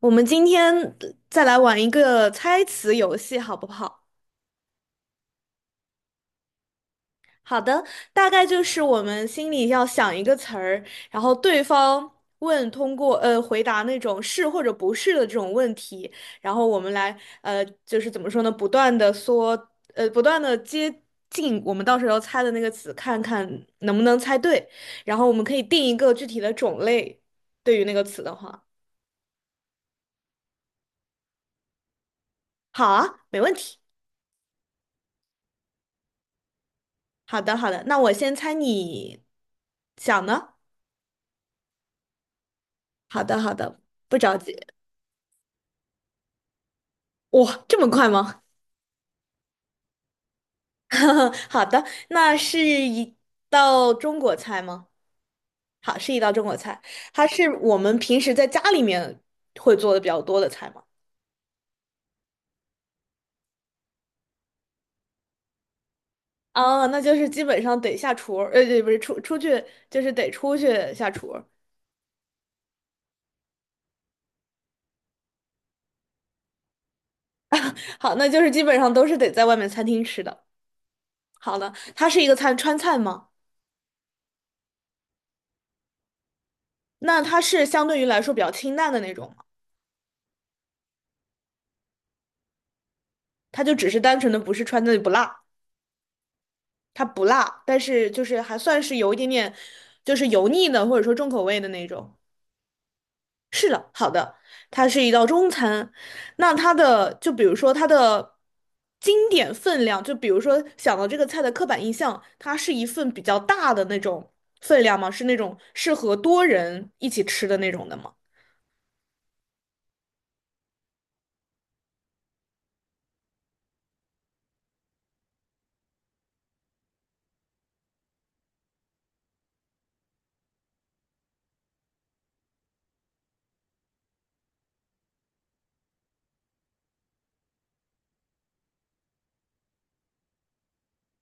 我们今天再来玩一个猜词游戏，好不好？好的，大概就是我们心里要想一个词儿，然后对方问，通过回答那种是或者不是的这种问题，然后我们来就是怎么说呢，不断的说，不断的接近我们到时候猜的那个词，看看能不能猜对，然后我们可以定一个具体的种类，对于那个词的话，好啊，没问题。好的，好的，那我先猜你想呢？好的，好的，不着急。哇，这么快吗？好的，那是一道中国菜吗？好，是一道中国菜，它是我们平时在家里面会做的比较多的菜吗？啊，那就是基本上得下厨对，不是出去，就是得出去下厨。好，那就是基本上都是得在外面餐厅吃的。好的，它是一个川菜吗？那它是相对于来说比较清淡的那种吗？它就只是单纯的不是川菜不辣，它不辣，但是就是还算是有一点点，就是油腻的或者说重口味的那种。是的，好的，它是一道中餐。那就比如说它的经典分量，就比如说想到这个菜的刻板印象，它是一份比较大的那种分量吗？是那种适合多人一起吃的那种的吗？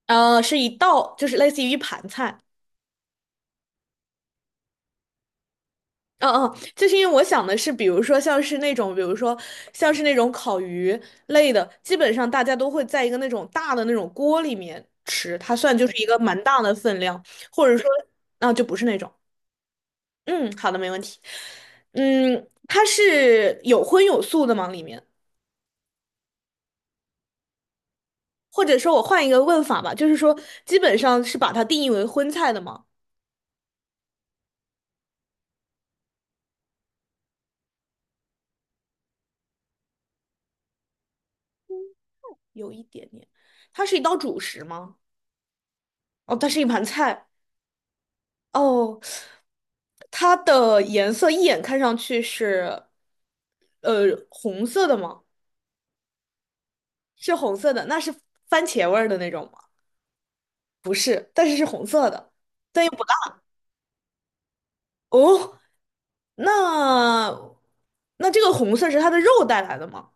是一道，就是类似于一盘菜。嗯嗯，就是因为我想的是，比如说像是那种烤鱼类的，基本上大家都会在一个那种大的那种锅里面吃，它算就是一个蛮大的分量，或者说，就不是那种。嗯，好的，没问题。嗯，它是有荤有素的吗？里面，或者说我换一个问法吧，就是说，基本上是把它定义为荤菜的吗？有一点点，它是一道主食吗？哦，它是一盘菜。哦，它的颜色一眼看上去是，红色的吗？是红色的，那是番茄味儿的那种吗？但是是红色的。哦，那那这个红色是它的肉带来的吗？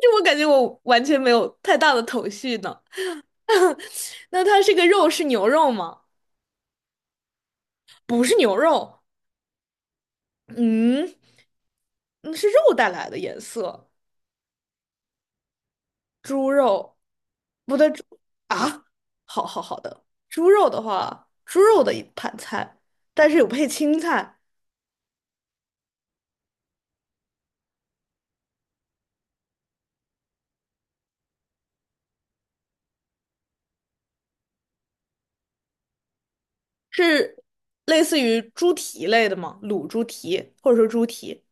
这我感觉我完全没有太大的头绪呢。那它这个肉是牛肉吗？不是牛肉，嗯，嗯是肉带来的颜色。猪肉，不对，猪啊。好好好的，猪肉的话，猪肉的一盘菜，但是有配青菜，是类似于猪蹄类的吗？卤猪蹄或者说猪蹄，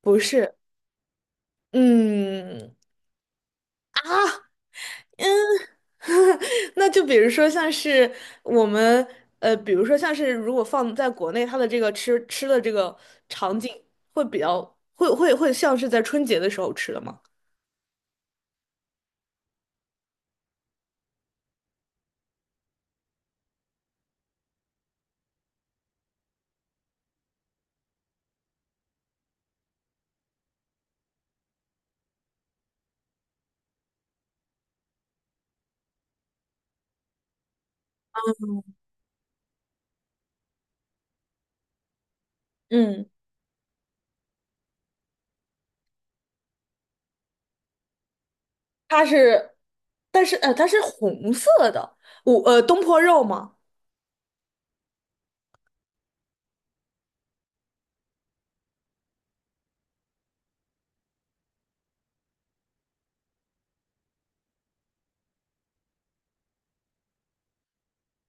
不是，嗯啊。那就比如说像是我们比如说像是如果放在国内，它的这个吃的这个场景会比较会像是在春节的时候吃的吗？嗯。它是，但是它是红色的，我东坡肉吗？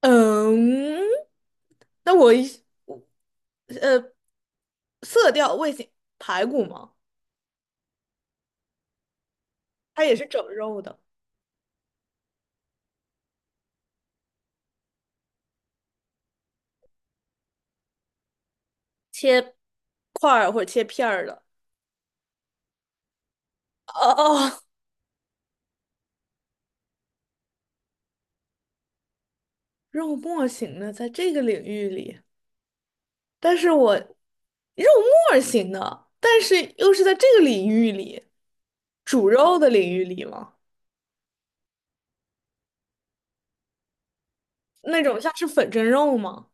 嗯，那我呃色调味型排骨吗？它也是整肉的，切块儿或者切片儿的。哦哦，肉末型的，在这个领域里，但是我肉末型的，但是又是在这个领域里，煮肉的领域里吗？那种像是粉蒸肉吗？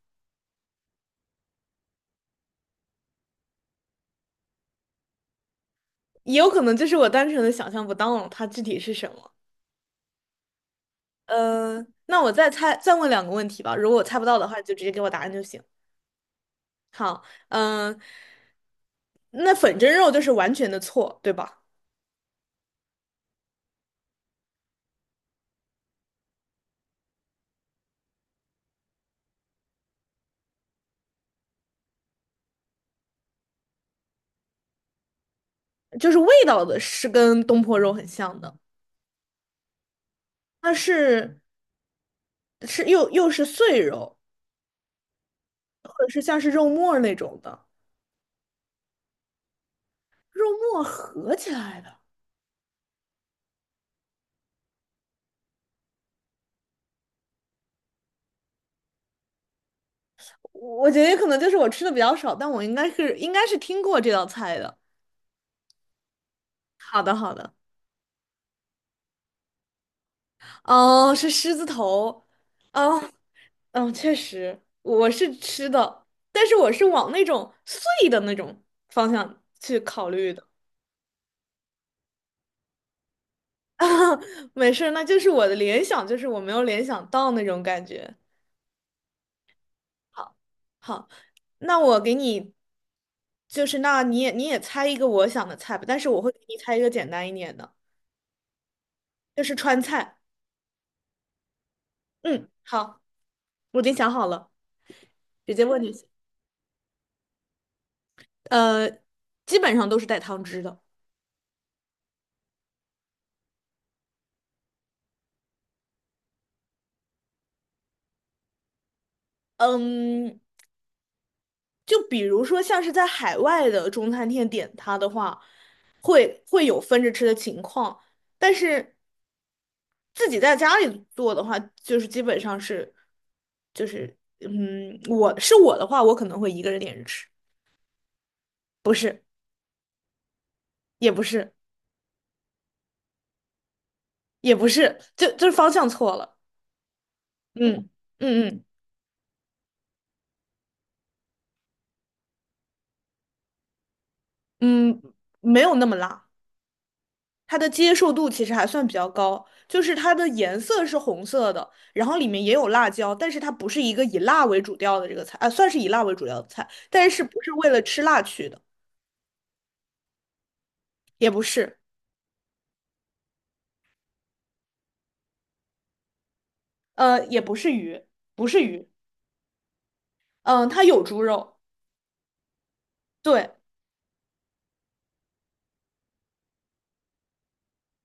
也有可能就是我单纯的想象不到它具体是什么。那我再猜，再问两个问题吧。如果我猜不到的话，就直接给我答案就行。好，嗯、那粉蒸肉就是完全的错，对吧？就是味道的是跟东坡肉很像的，它又是碎肉，或者是像是肉末儿那种的，肉末合起来的。我觉得可能就是我吃的比较少，但我应该是听过这道菜的。好的，好的。哦，是狮子头，哦，嗯，确实，我是吃的，但是我是往那种碎的那种方向去考虑的。没事儿，那就是我的联想，就是我没有联想到那种感觉。好，好，那我给你，就是那你也猜一个我想的菜吧，但是我会给你猜一个简单一点的，就是川菜。嗯，好，我已经想好了，直接问就行。呃，基本上都是带汤汁的。嗯，就比如说像是在海外的中餐厅点它的话，会有分着吃的情况，但是自己在家里做的话，就是基本上是，就是我的话，我可能会一个人点着吃，不是，也不是，也不是，就是方向错了，嗯嗯嗯嗯，没有那么辣。它的接受度其实还算比较高，就是它的颜色是红色的，然后里面也有辣椒，但是它不是一个以辣为主调的这个菜，啊，算是以辣为主调的菜，但是不是为了吃辣去的，也不是，也不是鱼，不是鱼，嗯、它有猪肉，对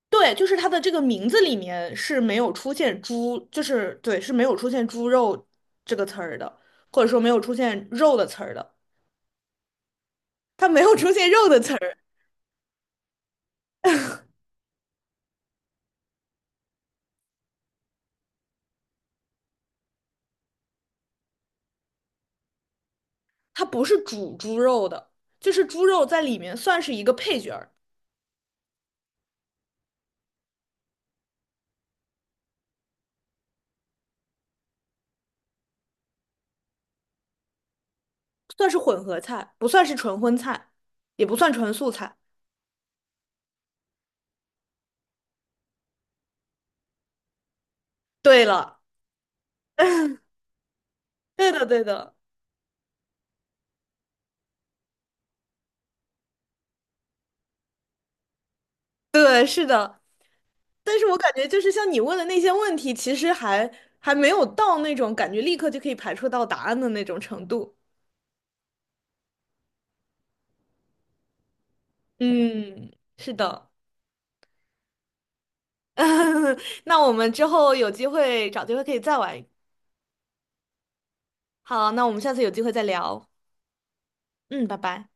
对，就是它的这个名字里面是没有出现猪，就是对，是没有出现猪肉这个词儿的，或者说没有出现肉的词儿的，它没有出现肉的词儿。它不是煮猪肉的，就是猪肉在里面算是一个配角儿，算是混合菜，不算是纯荤菜，也不算纯素菜。对了，对的，对的，对，是的。但是我感觉就是像你问的那些问题，其实还没有到那种感觉立刻就可以排除到答案的那种程度。嗯，是的。那我们之后有机会找机会可以再玩。好，那我们下次有机会再聊。嗯，拜拜。